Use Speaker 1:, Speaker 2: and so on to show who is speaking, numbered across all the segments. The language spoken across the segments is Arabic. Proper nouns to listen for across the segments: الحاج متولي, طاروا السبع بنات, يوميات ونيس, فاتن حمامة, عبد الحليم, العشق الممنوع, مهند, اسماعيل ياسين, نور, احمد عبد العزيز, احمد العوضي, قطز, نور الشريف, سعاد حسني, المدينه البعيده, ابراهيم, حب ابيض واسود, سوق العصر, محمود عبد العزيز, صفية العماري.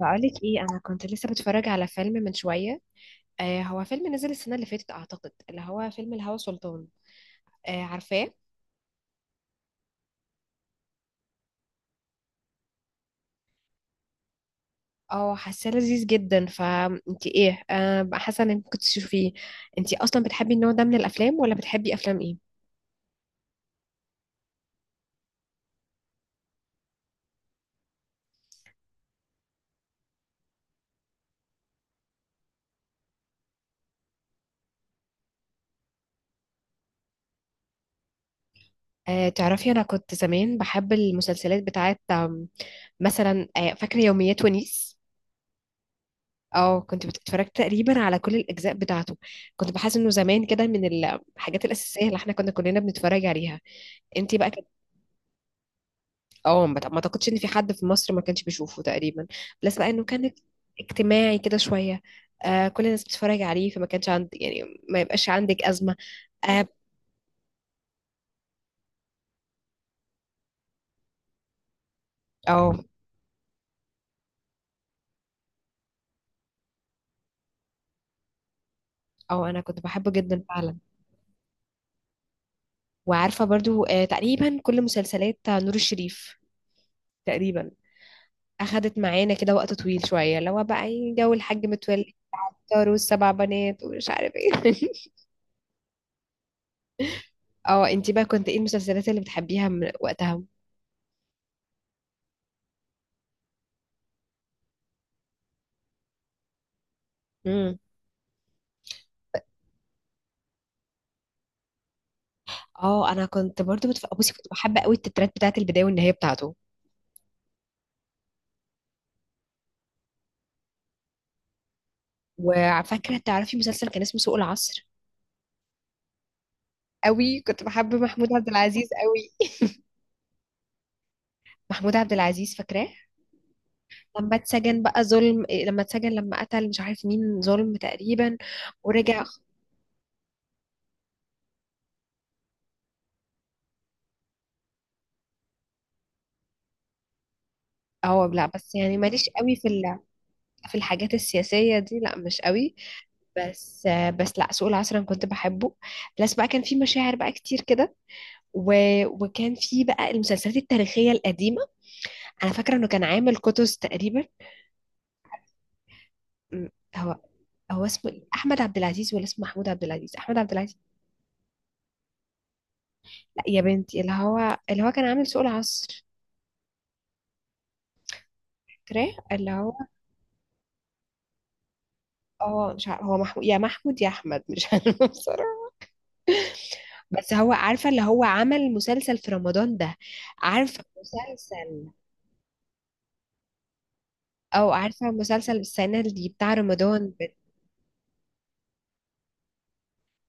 Speaker 1: بقولك ايه؟ انا كنت لسه بتفرج على فيلم من شويه. آه، هو فيلم نزل السنه اللي فاتت اعتقد، اللي هو فيلم الهوى سلطان. آه، عارفاه. اه، حاساه لذيذ جدا، فانت ايه بقى؟ حاسه انك ممكن تشوفيه؟ انت اصلا بتحبي النوع ده من الافلام، ولا بتحبي افلام ايه؟ آه، تعرفي انا كنت زمان بحب المسلسلات بتاعت مثلا فاكره يوميات ونيس. اه، كنت بتتفرج تقريبا على كل الاجزاء بتاعته. كنت بحس انه زمان كده من الحاجات الاساسيه اللي احنا كنا كلنا بنتفرج عليها. انتي بقى؟ اه، ما اعتقدش ان في حد في مصر ما كانش بيشوفه تقريبا. بلس بقى انه كان اجتماعي كده شويه. آه، كل الناس بتتفرج عليه، فما كانش عندي يعني، ما يبقاش عندك ازمه. اه. اه. اه، انا كنت بحبه جدا فعلا. وعارفه برضو آه، تقريبا كل مسلسلات نور الشريف تقريبا اخدت معانا كده وقت طويل شويه، اللي هو بقى إيه، جو الحاج متولي، طاروا السبع بنات ومش عارف ايه. اه، انتي بقى كنت ايه المسلسلات اللي بتحبيها من وقتها؟ اه، انا كنت برضو بصي، كنت بحب قوي التترات بتاعت البدايه والنهايه بتاعته. وفاكره، تعرفي مسلسل كان اسمه سوق العصر؟ قوي كنت بحب محمود عبد العزيز قوي. محمود عبد العزيز، فاكراه؟ لما اتسجن بقى، ظلم إيه، لما اتسجن، لما قتل مش عارف مين، ظلم تقريبا ورجع. اه لا، بس يعني ماليش قوي في في الحاجات السياسيه دي، لا مش قوي. بس. بس لا، سوق العصر انا كنت بحبه. بس بقى كان في مشاعر بقى كتير كده و... وكان في بقى المسلسلات التاريخيه القديمه. انا فاكره انه كان عامل كتس تقريبا. م- هو. هو اسمه إيه؟ احمد عبد العزيز ولا اسمه محمود عبد العزيز؟ احمد عبد العزيز. لا يا بنتي، اللي هو كان عامل سوق العصر. فاكراه؟ اللي هو. اه مش عارف، هو محمود، يا محمود يا احمد مش عارفه، بصراحه. بس هو، عارفه اللي هو عمل مسلسل في رمضان ده؟ عارفه مسلسل؟ او عارفه مسلسل السنه دي بتاع رمضان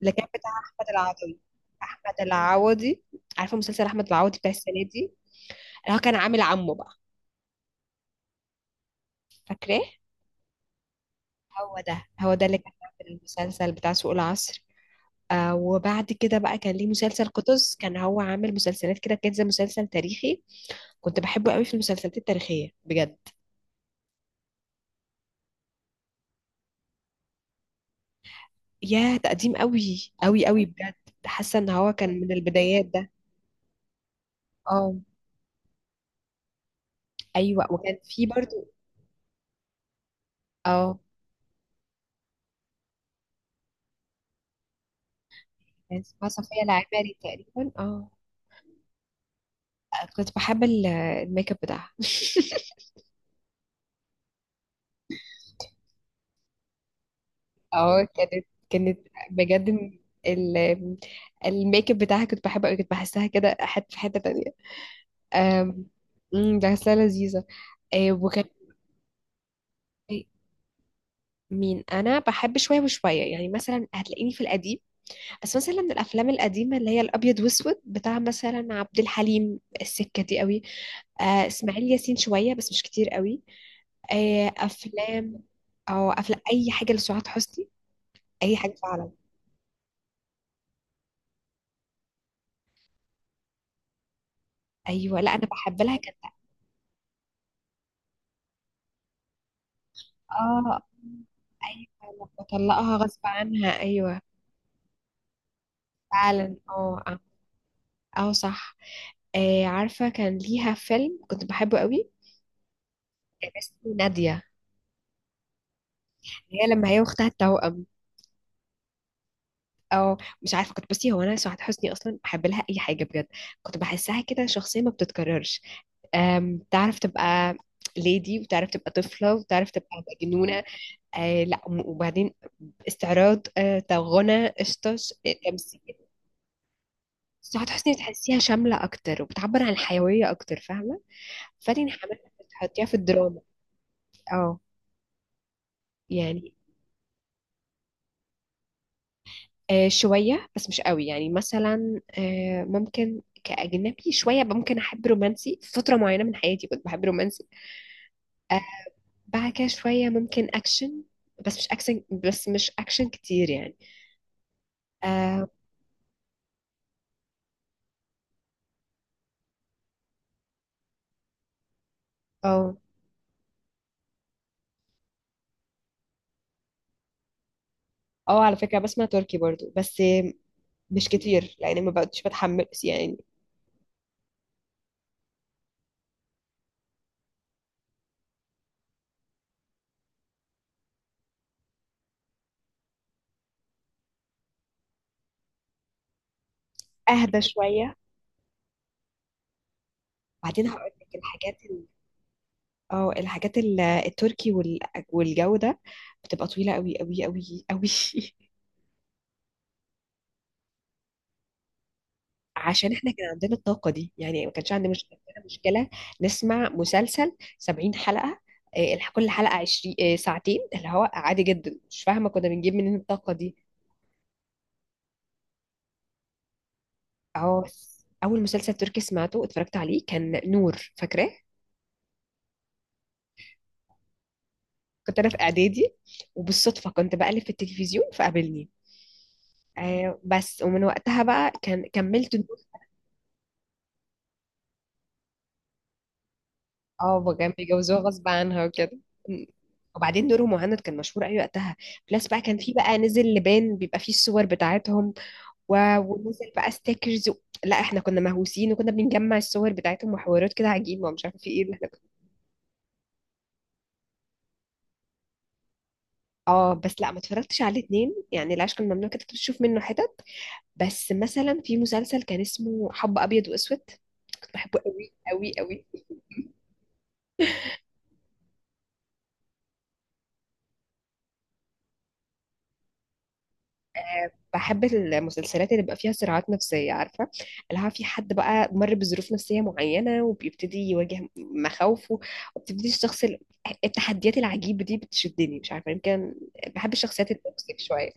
Speaker 1: اللي كان بتاع احمد العوضي. احمد العوضي. عارفه مسلسل احمد العوضي بتاع السنه دي؟ اللي هو كان عامل عمه بقى. فاكراه؟ هو ده، هو ده اللي كان في المسلسل بتاع سوق العصر. آه، وبعد كده بقى كان ليه مسلسل قطز. كان هو عامل مسلسلات كده، كان زي مسلسل تاريخي. كنت بحبه قوي في المسلسلات التاريخية بجد. يا تقديم قوي قوي قوي بجد. حاسة ان هو كان من البدايات ده. اه. ايوه، وكان في برضو. اه، كان اسمها صفية العماري تقريبا. اه، كنت بحب الميك اب بتاعها. اه، كانت، كانت بجد. ال- الميك اب بتاعها كنت بحبه قوي، كنت بحسها كده حته في حته تانية. آم، ده غسالة لذيذة. آه، وكان. مين؟ انا بحب شويه وشويه يعني، مثلا هتلاقيني في القديم. بس مثلا من الافلام القديمه اللي هي الابيض واسود، بتاع مثلا عبد الحليم السكه دي قوي. آه، اسماعيل ياسين شويه، بس مش كتير قوي. آه، افلام، او افلام اي حاجه لسعاد حسني، اي حاجه فعلا. ايوه لا، انا بحب لها، كانت. اه، ايوه، أنا بطلقها غصب عنها، ايوه. فعلا اه. اه آه، صح. آه، عارفة كان ليها فيلم كنت بحبه قوي، كان اسمه نادية. هي لما هي واختها التوأم. او مش عارفة، كنت بصي، هو انا سعاد حسني اصلا بحب لها اي حاجة بجد. كنت بحسها كده شخصية ما بتتكررش. تعرف تبقى ليدي، وتعرف تبقى طفلة، وتعرف تبقى مجنونة. آه لا، وبعدين استعراض، آه، غنى، آه، تمثيل. سعاد حسني بتحسيها شاملة أكتر، وبتعبر عن الحيوية أكتر، فاهمة؟ فاتن حمامة بتحطيها في الدراما. اه، يعني. آه، شوية بس مش قوي، يعني مثلا آه، ممكن كأجنبي شوية ممكن أحب رومانسي، في فترة معينة من حياتي كنت بحب رومانسي. آه، بعد كده شوية ممكن أكشن، بس مش أكشن، بس مش أكشن كتير يعني. اه. اه آه، على فكرة بسمع تركي برضو بس آه، مش كتير لأن ما بقتش بتحمل يعني. أهدى شوية. بعدين هقول لك الحاجات اه، الحاجات التركي والجو ده، بتبقى طويلة قوي قوي قوي قوي. عشان احنا كان عندنا الطاقة دي يعني، ما كانش عندي مش... عندنا مشكلة نسمع مسلسل 70 حلقة، آه، كل حلقة 20 آه، ساعتين، اللي هو عادي جدا، مش فاهمة كنا بنجيب منين الطاقة دي. اه، بس أول مسلسل تركي سمعته، اتفرجت عليه كان نور، فاكراه؟ كنت أنا في إعدادي، وبالصدفة كنت بقلب في التلفزيون فقابلني. آه، بس ومن وقتها بقى كان كملت. اه، بقى كان بيجوزوها غصب عنها وكده. وبعدين نور مهند كان مشهور قوي وقتها. بلس بقى كان في بقى، نزل لبان بيبقى فيه الصور بتاعتهم، ونزل بقى ستيكرز لا احنا كنا مهووسين، وكنا بنجمع الصور بتاعتهم وحوارات كده عجيبه، ومش عارفه في ايه اللي احنا كنا. اه، بس لا ما اتفرجتش على الاتنين، يعني العشق الممنوع كده كنت بشوف منه حتت. بس مثلا في مسلسل كان اسمه حب ابيض واسود، كنت بحبه قوي قوي قوي. بحب المسلسلات اللي بيبقى فيها صراعات نفسية، عارفة؟ اللي هو في حد بقى مر بظروف نفسية معينة، وبيبتدي يواجه مخاوفه، وبتبتدي الشخص التحديات العجيبة دي بتشدني، مش عارفة يمكن بحب الشخصيات التوكسيك شوية.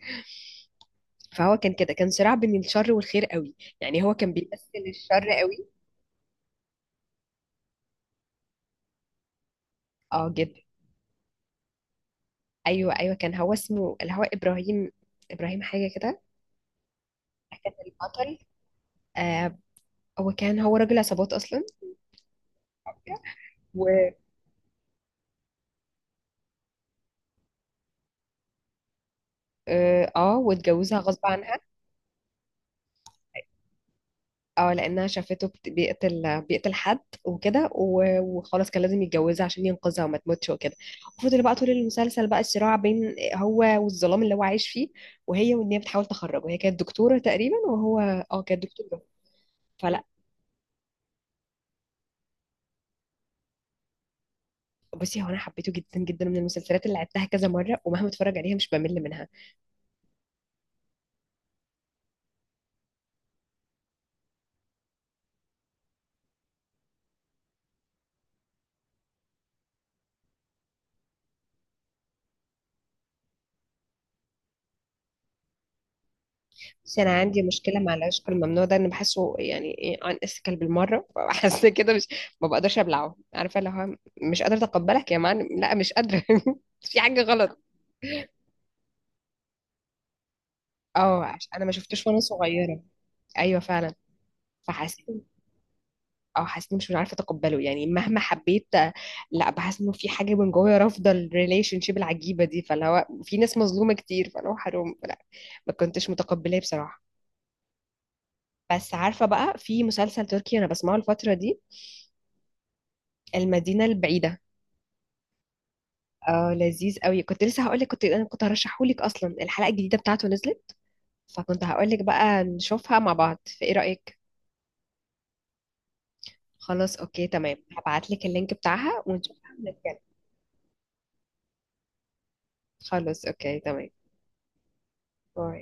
Speaker 1: فهو كان كده، كان صراع بين الشر والخير قوي، يعني هو كان بيمثل الشر قوي. اه جدا. ايوه كان، هو اسمه اللي هو ابراهيم، ابراهيم حاجة كده. كان البطل. آه، هو كان راجل عصابات اصلا. و. اه آه، واتجوزها غصب عنها. اه، لانها شافته بيقتل، بيقتل حد وكده، وخلاص كان لازم يتجوزها عشان ينقذها وما تموتش وكده. وفضل بقى طول المسلسل بقى الصراع بين هو والظلام اللي هو عايش فيه، وهي، وان هي بتحاول تخرجه. هي كانت دكتوره تقريبا، وهو. اه، كانت دكتوره. فلا، بصي، هو انا حبيته جدا جدا، من المسلسلات اللي عدتها كذا مره، ومهما اتفرج عليها مش بمل منها. بس انا عندي مشكله مع العشق الممنوع ده، انا بحسه يعني ايه، ان اسكال بالمره. بحس كده مش، ما بقدرش ابلعه، عارفه، اللي هو مش قادره اتقبلك يا معلم، لا مش قادره. في حاجه غلط. اه عشان انا ما شفتوش وانا صغيره. ايوه فعلا. فحسيت، اه حسيت مش عارفه اتقبله يعني مهما حبيت. لا، بحس انه في حاجه من جوايا رافضه الريليشن شيب العجيبه دي، فاللي هو في ناس مظلومه كتير، فاللي هو حرام لا، ما كنتش متقبلاه بصراحه. بس عارفه بقى في مسلسل تركي انا بسمعه الفتره دي، المدينه البعيده. اه لذيذ قوي، كنت لسه هقول لك، كنت انا كنت هرشحه لك اصلا، الحلقه الجديده بتاعته نزلت، فكنت هقول لك بقى نشوفها مع بعض، فايه رايك؟ خلاص، اوكي تمام، هبعت لك اللينك بتاعها ونشوفها ونتكلم. خلاص اوكي تمام. باي.